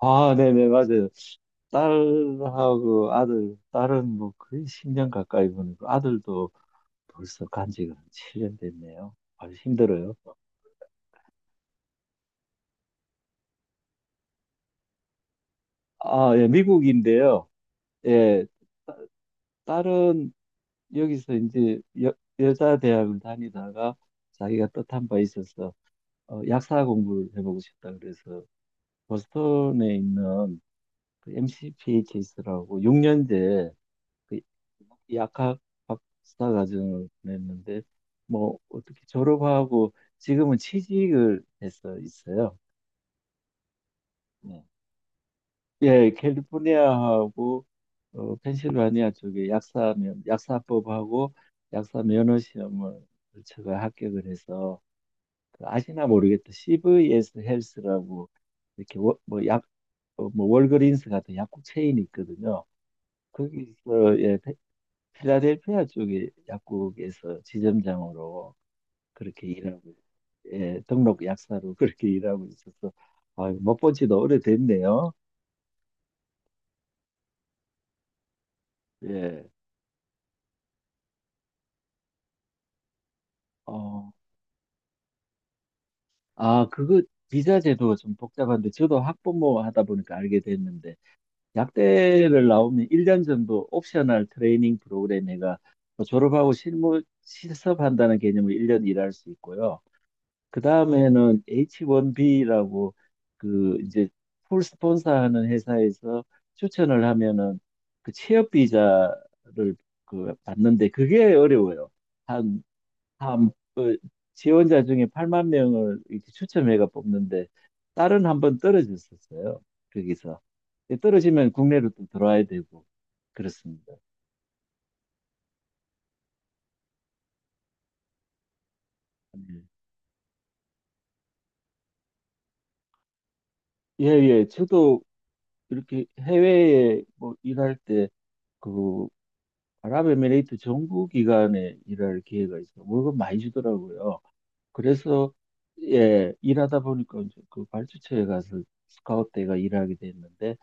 아, 네네, 맞아요. 딸하고 아들, 딸은 뭐 거의 10년 가까이 보내고 아들도 벌써 간 지가 한 7년 됐네요. 아주 힘들어요. 아, 예, 미국인데요. 예, 딸은 여기서 이제 여자 대학을 다니다가 자기가 뜻한 바 있어서 약사 공부를 해보고 싶다 그래서 보스턴에 있는 그 MCPHS라고 6년제 그 약학 박사 과정을 보냈는데 뭐 어떻게 졸업하고 지금은 취직을 해서 있어요. 네. 예, 캘리포니아하고 펜실바니아 쪽에 약사면 약사법하고 약사 면허 시험을 제가 합격을 해서 그 아시나 모르겠다. CVS 헬스라고 이렇게 뭐약 뭐 월그린스 같은 약국 체인이 있거든요. 거기서 예, 필라델피아 쪽의 약국에서 지점장으로 그렇게 일하고, 예, 등록 약사로 그렇게 일하고 있어서, 아, 못본 지도 오래됐네요. 예, 어, 그거 비자 제도가 좀 복잡한데, 저도 학부모 하다 보니까 알게 됐는데, 약대를 나오면 1년 정도 옵셔널 트레이닝 프로그램에가 뭐 졸업하고 실무 실습한다는 개념으로 1년 일할 수 있고요. 그 다음에는 H1B라고 그 이제 풀 스폰서하는 회사에서 추천을 하면은 그 취업 비자를 그 받는데 그게 어려워요. 한, 한, 어, 지원자 중에 8만 명을 이렇게 추첨해가 뽑는데 딸은 한 번 떨어졌었어요. 거기서. 떨어지면 국내로 또 들어와야 되고 그렇습니다. 네. 예, 예. 저도 이렇게 해외에 뭐 일할 때그 아랍에미레이트 정부 기관에 일할 기회가 있어. 월급 많이 주더라고요. 그래서 예, 일하다 보니까 이제 그 발주처에 가서 스카웃대가 일하게 됐는데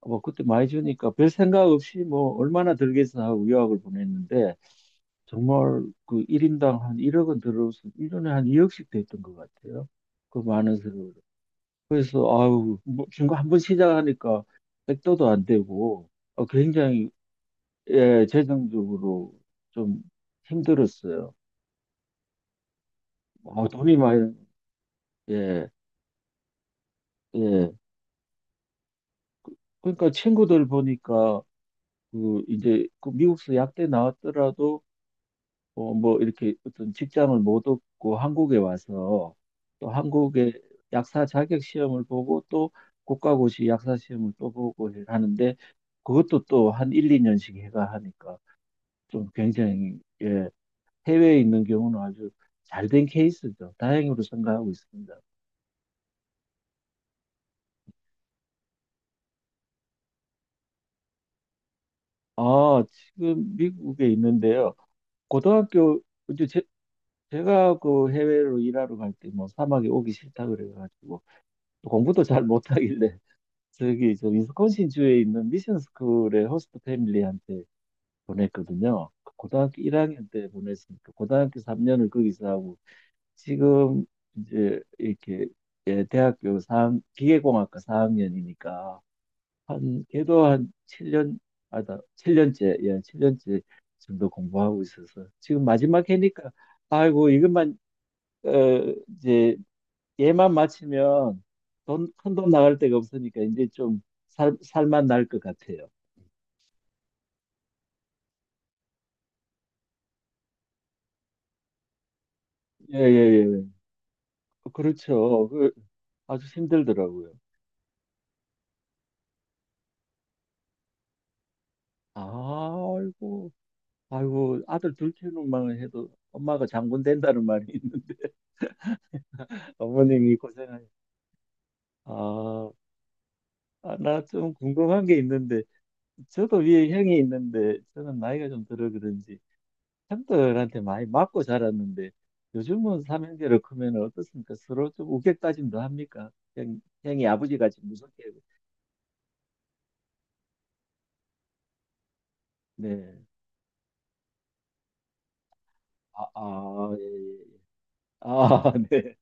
뭐 그때 많이 주니까 별 생각 없이 뭐 얼마나 들겠어 하고 유학을 보냈는데 정말 그 1인당 한 1억은 들어서 1년에 한 2억씩 됐던 것 같아요. 그 많은 세월을. 그래서 아유, 뭐 지금 한번 시작하니까 백도도 안 되고 굉장히 예, 재정적으로 좀 힘들었어요. 아, 돈이 많이, 예, 예. 그러니까 친구들 보니까, 그, 이제, 그 미국에서 약대 나왔더라도, 어, 뭐, 이렇게 어떤 직장을 못 얻고 한국에 와서, 또 한국의 약사 자격 시험을 보고, 또 국가고시 약사 시험을 또 보고 하는데, 그것도 또 한 1, 2년씩 해가 하니까, 좀 굉장히, 예, 해외에 있는 경우는 아주 잘 된 케이스죠. 다행으로 생각하고 있습니다. 아, 지금 미국에 있는데요. 고등학교, 이제 제가 그 해외로 일하러 갈 때 뭐 사막에 오기 싫다 그래가지고 공부도 잘 못하길래 저기 저 위스콘신 주에 있는 미션 스쿨의 호스트 패밀리한테 보냈거든요. 고등학교 1학년 때 보냈으니까 고등학교 3년을 거기서 하고 지금 이제 이렇게 예, 기계공학과 4학년이니까 한, 걔도 한 7년, 아, 나 7년째 예, 7년째 정도 공부하고 있어서. 지금 마지막 해니까, 아이고, 이것만, 어, 이제, 얘만 마치면 돈, 큰 돈 나갈 데가 없으니까 이제 좀 살만 날 것 같아요. 예, 예, 예. 예. 그렇죠. 그, 아주 힘들더라고요. 아이고, 아이고, 아들 둘 키우는만 해도 엄마가 장군 된다는 말이 있는데, 어머님이 고생하시 아, 아, 나 좀 궁금한 게 있는데, 저도 위에 형이 있는데 저는 나이가 좀 들어 그런지 형들한테 많이 맞고 자랐는데 요즘은 삼형제로 크면 어떻습니까? 서로 좀 우격다짐도 합니까? 형이 아버지같이 무섭게 네. 아, 아, 예, 예. 예. 아, 네.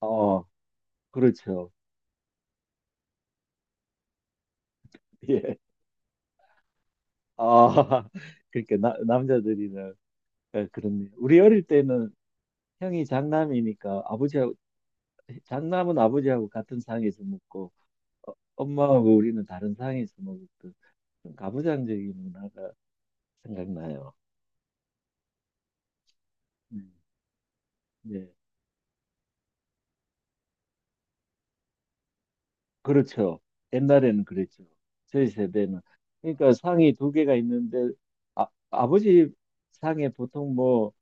어, 그렇죠. 예. 아, 그러니까 남자들이나 예, 그렇네요. 우리 어릴 때는 형이 장남이니까 아버지하고 장남은 아버지하고 같은 상에서 먹고 엄마하고 우리는 다른 상에서 먹었던 가부장적인 문화가 생각나요. 음. 네, 그렇죠. 옛날에는 그랬죠. 저희 세대는. 그러니까 상이 두 개가 있는데, 아, 아버지 상에 보통 뭐,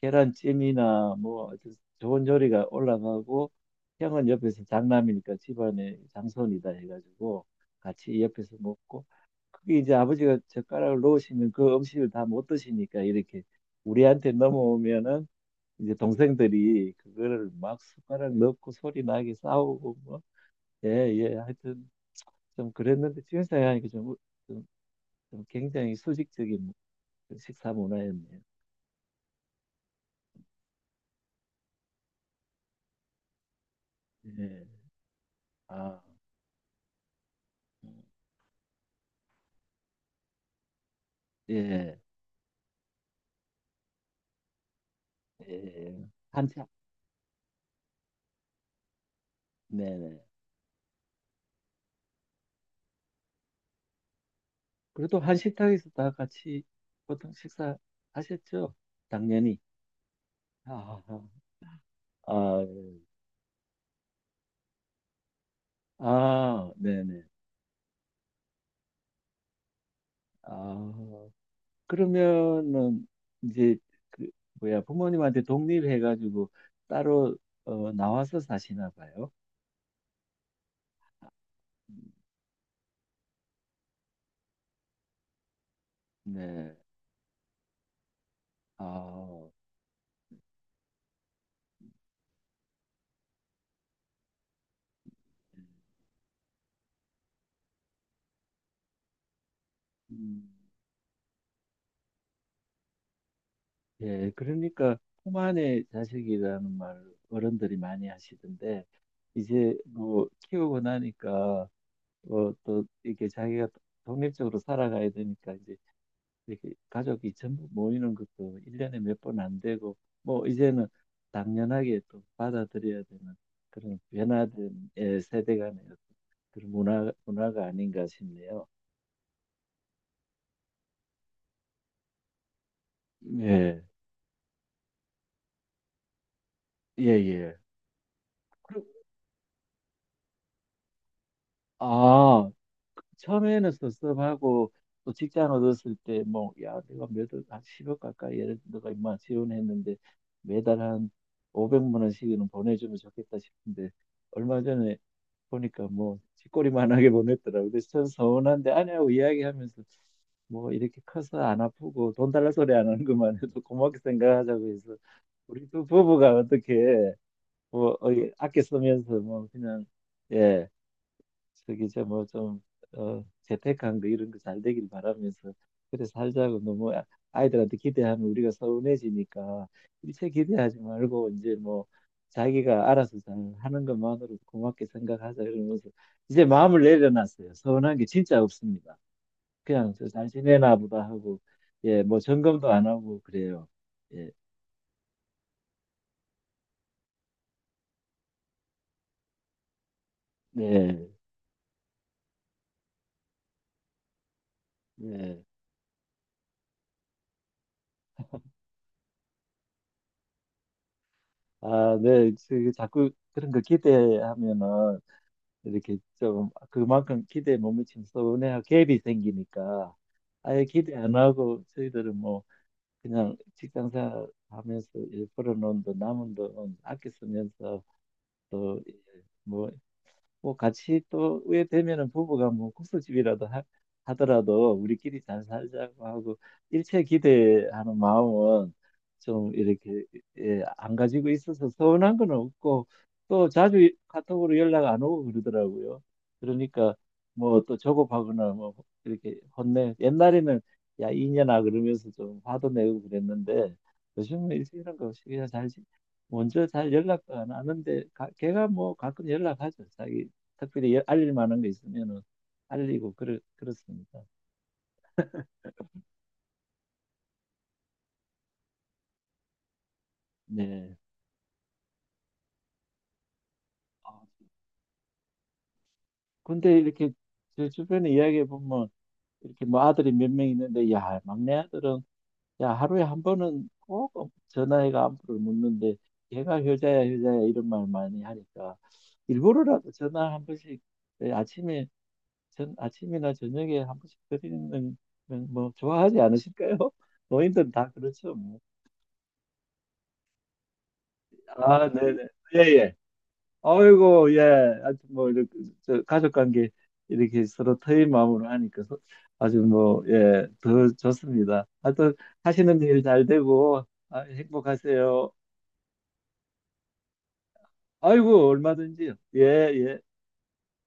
계란찜이나 뭐, 아주 좋은 요리가 올라가고, 형은 옆에서 장남이니까 집안의 장손이다 해가지고, 같이 옆에서 먹고, 그게 이제 아버지가 젓가락을 놓으시면 그 음식을 다 못 드시니까 이렇게 우리한테 넘어오면은, 이제 동생들이 그거를 막 숟가락 넣고 소리 나게 싸우고 뭐, 예, 예, 하여튼 좀 그랬는데 지금 생각하니까 좀, 좀 굉장히 수직적인 식사 문화였네요. 예, 아, 예, 예, 예. 한참, 네네. 그래도 한 식탁에서 다 같이 보통 식사 하셨죠? 당연히. 아, 아, 아, 아, 네네. 아, 그러면은 이제 그 뭐야 부모님한테 독립해가지고 따로 나와서 사시나 봐요. 네. 아, 음, 예. 그러니까 품 안의 자식이라는 말 어른들이 많이 하시던데 이제 뭐 키우고 나니까 또 이렇게 자기가 독립적으로 살아가야 되니까 이제 이렇게 가족이 전부 모이는 것도 일년에 몇 번 안 되고, 뭐, 이제는 당연하게 또 받아들여야 되는 그런 변화된 예, 세대 간의 어떤 그런 문화가 아닌가 싶네요. 예, 예, 예. 그리고, 아, 처음에는 섭섭하고 또 직장 얻었을 때 뭐 야 내가 몇억 한 10억 가까이 예를 들어 내가 인마 지원했는데 매달 한 500만 원씩은 보내주면 좋겠다 싶은데 얼마 전에 보니까 뭐 쥐꼬리만하게 보냈더라고요. 그래서 전 서운한데 아내하고 이야기하면서 뭐 이렇게 커서 안 아프고 돈 달라 소리 안 하는 것만 해도 고맙게 생각하자고 해서 우리 두 부부가 어떻게 뭐 아껴 쓰면서 뭐 그냥 예 저기 저 뭐좀 재택한 거 이런 거 잘 되길 바라면서 그래 살자고 아이들한테 기대하면 우리가 서운해지니까 일체 기대하지 말고 이제 뭐 자기가 알아서 잘 하는 것만으로 고맙게 생각하자 이러면서 이제 마음을 내려놨어요. 서운한 게 진짜 없습니다. 그냥 저 잘 지내나 보다 하고 예 뭐 점검도 안 하고 그래요. 예 네 네 아 네 자꾸 그런 거 기대하면은 이렇게 좀 그만큼 기대에 못 미치면 서운해하고 갭이 생기니까 아예 기대 안 하고 저희들은 뭐 그냥 직장 생활 하면서 일 벌어놓은 돈 남은 돈 아껴 쓰면서 또뭐 뭐 같이 또 후회 되면은 부부가 뭐 국수집이라도 하더라도 우리끼리 잘 살자고 하고 일체 기대하는 마음은 좀 이렇게 예, 안 가지고 있어서 서운한 건 없고 또 자주 카톡으로 연락 안 오고 그러더라고요. 그러니까 뭐 또 조급하거나 뭐 이렇게 혼내 옛날에는 야 이년아 그러면서 좀 화도 내고 그랬는데 요즘은 일찍 이런 거 없이 먼저 잘 연락도 안 하는데 걔가 뭐 가끔 연락하죠. 자기 특별히 알릴 만한 게 있으면은 알리고 그렇습니다. 네. 아, 근데 이렇게 제 주변에 이야기해 보면 이렇게 뭐 아들이 몇 명 있는데 야 막내 아들은 야 하루에 한 번은 꼭 전화해가 안부를 묻는데 걔가 효자야 효자야 이런 말 많이 하니까 일부러라도 전화 한 번씩 예, 아침에 전 아침이나 저녁에 한 번씩 드리는 건뭐 좋아하지 않으실까요? 노인들은 다 그렇죠 뭐. 아 네네 예예 아이고, 예. 아주 뭐, 이렇게, 저, 가족 관계 이렇게 서로 터인 마음으로 하니까 아주 뭐, 예, 더 좋습니다. 하여튼 하시는 일 잘 되고, 아, 행복하세요. 아이고, 얼마든지요. 예, 예.